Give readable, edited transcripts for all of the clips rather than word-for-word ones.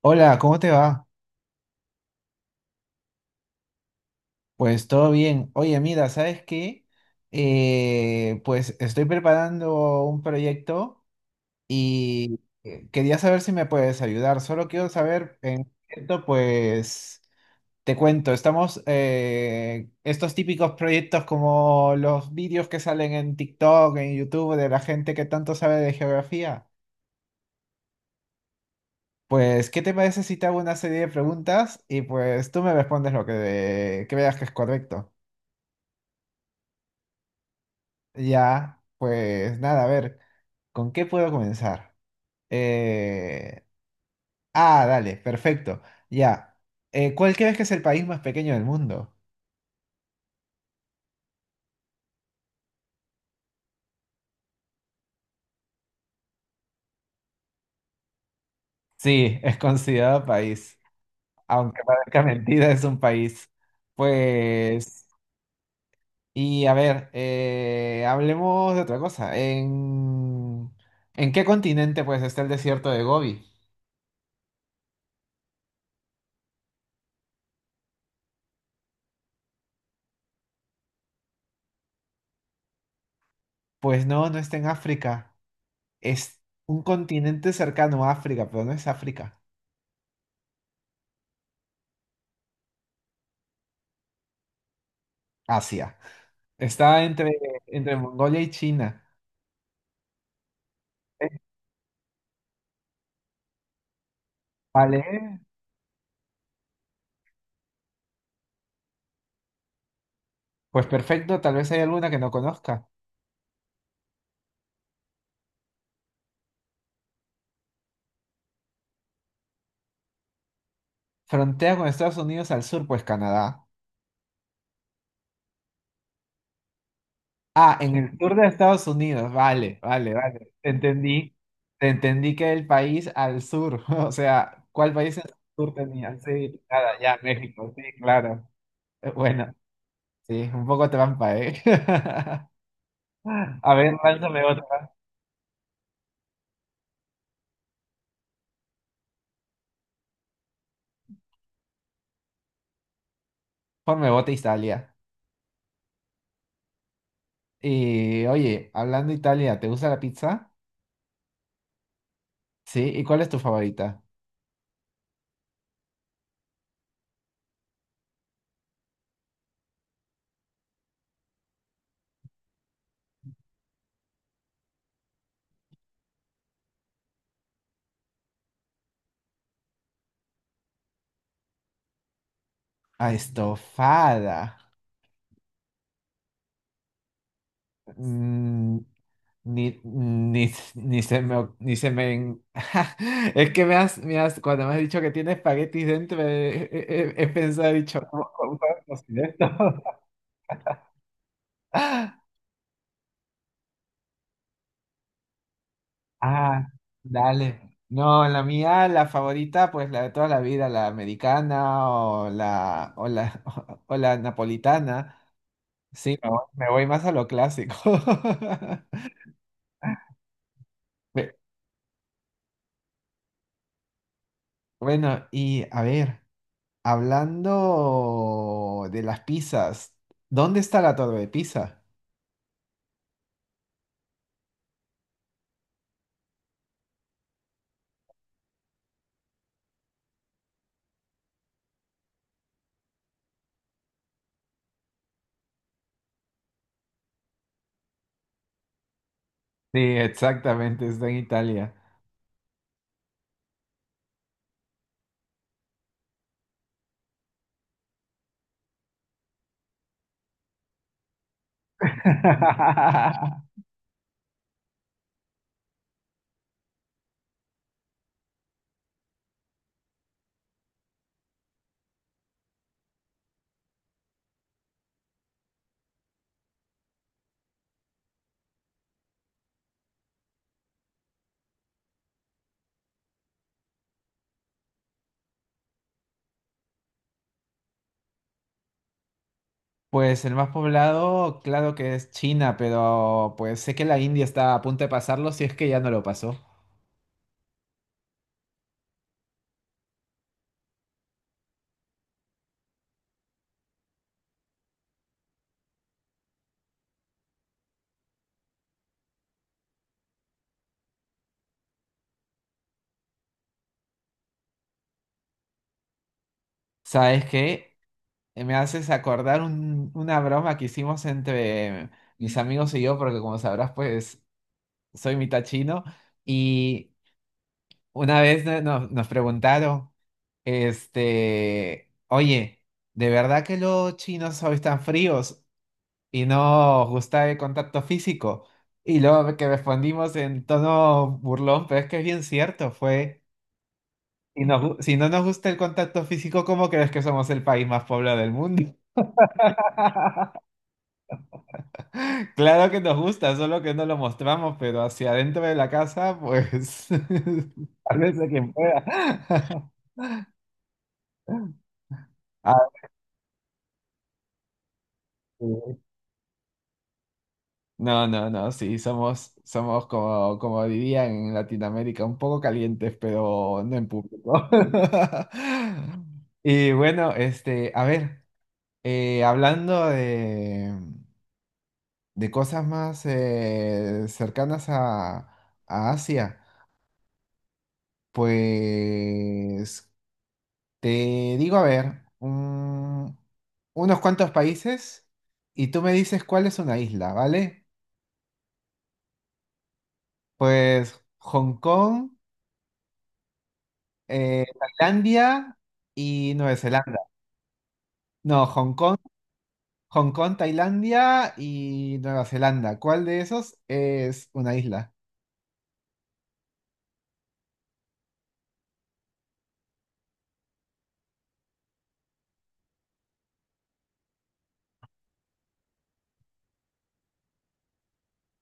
Hola, ¿cómo te va? Pues todo bien. Oye, mira, ¿sabes qué? Pues estoy preparando un proyecto y quería saber si me puedes ayudar. Solo quiero saber, en esto, pues te cuento, estamos, estos típicos proyectos como los vídeos que salen en TikTok, en YouTube, de la gente que tanto sabe de geografía. Pues, ¿qué te parece si te hago una serie de preguntas y pues tú me respondes lo que veas que es correcto? Ya, pues nada, a ver, ¿con qué puedo comenzar? Eh, Ah, dale, perfecto. Ya. ¿Cuál crees que es el país más pequeño del mundo? Sí, es considerado país, aunque parezca mentira, es un país. Pues, y a ver, hablemos de otra cosa. ¿En qué continente pues está el desierto de Gobi? Pues no, no está en África. Es un continente cercano a África, pero no es África. Asia. Está entre Mongolia y China. Eh, Vale, pues perfecto, tal vez hay alguna que no conozca. Frontea con Estados Unidos al sur, pues Canadá. Ah, en el sur de Estados Unidos, vale, vale, vale. Te entendí que el país al sur, o sea, ¿cuál país en el sur tenía? Sí, nada, ya, México, sí, claro. Bueno, sí, un poco trampa, ¿eh? A ver, lánzame otra. Ponme bota Italia. Y oye, hablando de Italia, ¿te gusta la pizza? Sí, ¿y cuál es tu favorita? Ah, estofada. Mm, ni se me, ni se me. Es que cuando me has dicho que tiene espaguetis dentro, he pensado, he dicho, ¿cómo cocinar esto? Ah, dale. No, la mía, la favorita, pues la de toda la vida, la americana o la, o la napolitana. Sí, me voy más a lo clásico. Bueno, y a ver, hablando de las pizzas, ¿dónde está la torre de Pisa? Sí, exactamente, está en Italia. Pues el más poblado, claro que es China, pero pues sé que la India está a punto de pasarlo si es que ya no lo pasó. ¿Sabes qué? Me haces acordar una broma que hicimos entre mis amigos y yo, porque como sabrás, pues soy mitad chino, y una vez nos preguntaron, este, oye, ¿de verdad que los chinos hoy están fríos y no os gusta el contacto físico? Y luego que respondimos en tono burlón, pero es que es bien cierto, fue, si no nos gusta el contacto físico, ¿cómo crees que somos el país más poblado del mundo? Claro que nos gusta, solo que no lo mostramos, pero hacia adentro de la casa, pues, tal vez a quien pueda. Ah, sí. No, no, no, sí, somos como dirían en Latinoamérica, un poco calientes, pero no en público. Y bueno, este, a ver, hablando de cosas más cercanas a Asia, pues te digo, a ver, unos cuantos países y tú me dices cuál es una isla, ¿vale? Pues Hong Kong. eh, Tailandia y Nueva Zelanda. No, Hong Kong, Tailandia y Nueva Zelanda. ¿Cuál de esos es una isla?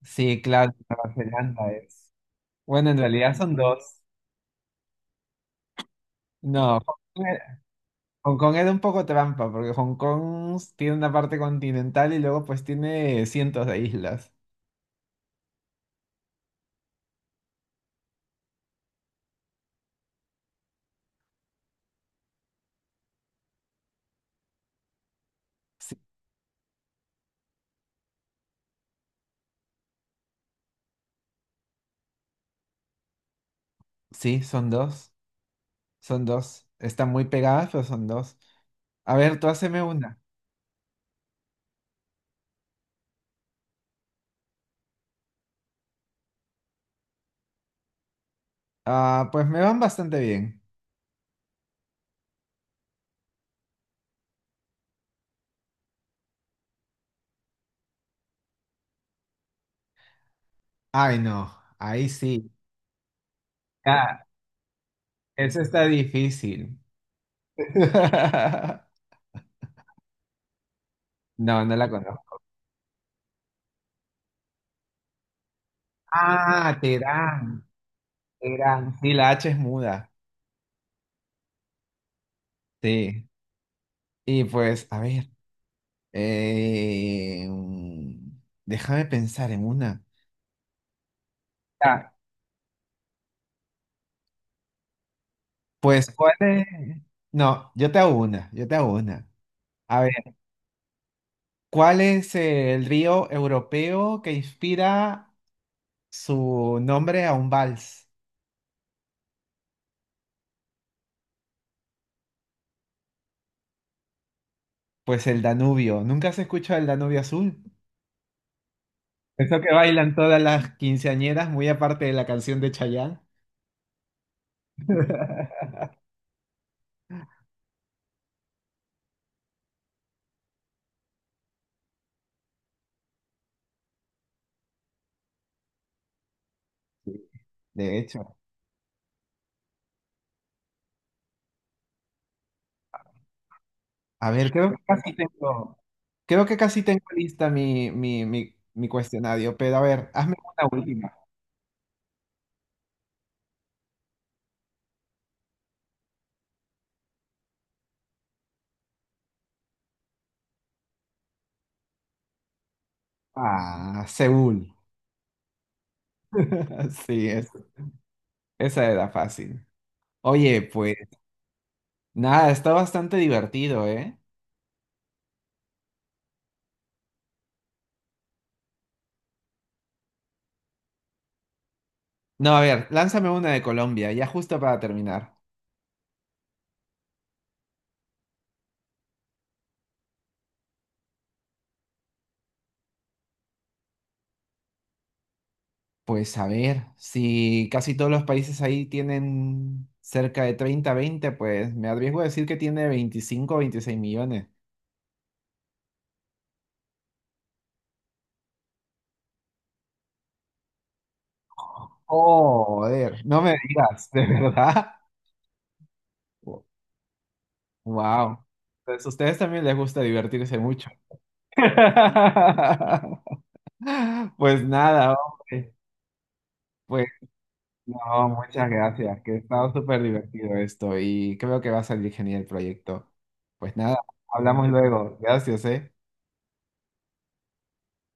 Sí, claro, Nueva Zelanda es. Bueno, en realidad son dos. No, Hong Kong era un poco trampa, porque Hong Kong tiene una parte continental y luego pues tiene cientos de islas. Sí, sí, son dos, son dos. Están muy pegadas, pero son dos. A ver, tú haceme una. Ah, pues me van bastante bien. Ay, no, ahí sí. Ah, eso está difícil. No, no la conozco. Ah, Terán, Terán. Sí, la H es muda. Sí. Y pues, a ver, déjame pensar en una. Ah, pues, ¿cuál es? No, yo te hago una, yo te hago una. A ver, ¿cuál es el río europeo que inspira su nombre a un vals? Pues el Danubio. ¿Nunca se escucha el Danubio Azul? Eso que bailan todas las quinceañeras, muy aparte de la canción de Chayanne. Sí, de hecho, a ver, creo que casi tengo lista mi cuestionario, pero a ver, hazme una última. Ah, Seúl. Sí, es, esa era fácil. Oye, pues nada, está bastante divertido, ¿eh? No, a ver, lánzame una de Colombia, ya justo para terminar. Pues a ver, si casi todos los países ahí tienen cerca de 30 20, pues me arriesgo a decir que tiene 25 o 26 millones. Joder, no me digas, ¿de verdad? Wow. Pues a ustedes también les gusta divertirse mucho. Pues nada, hombre. Pues no, muchas gracias, que ha estado súper divertido esto y creo que va a salir genial el proyecto. Pues nada, hablamos luego. Gracias, ¿eh?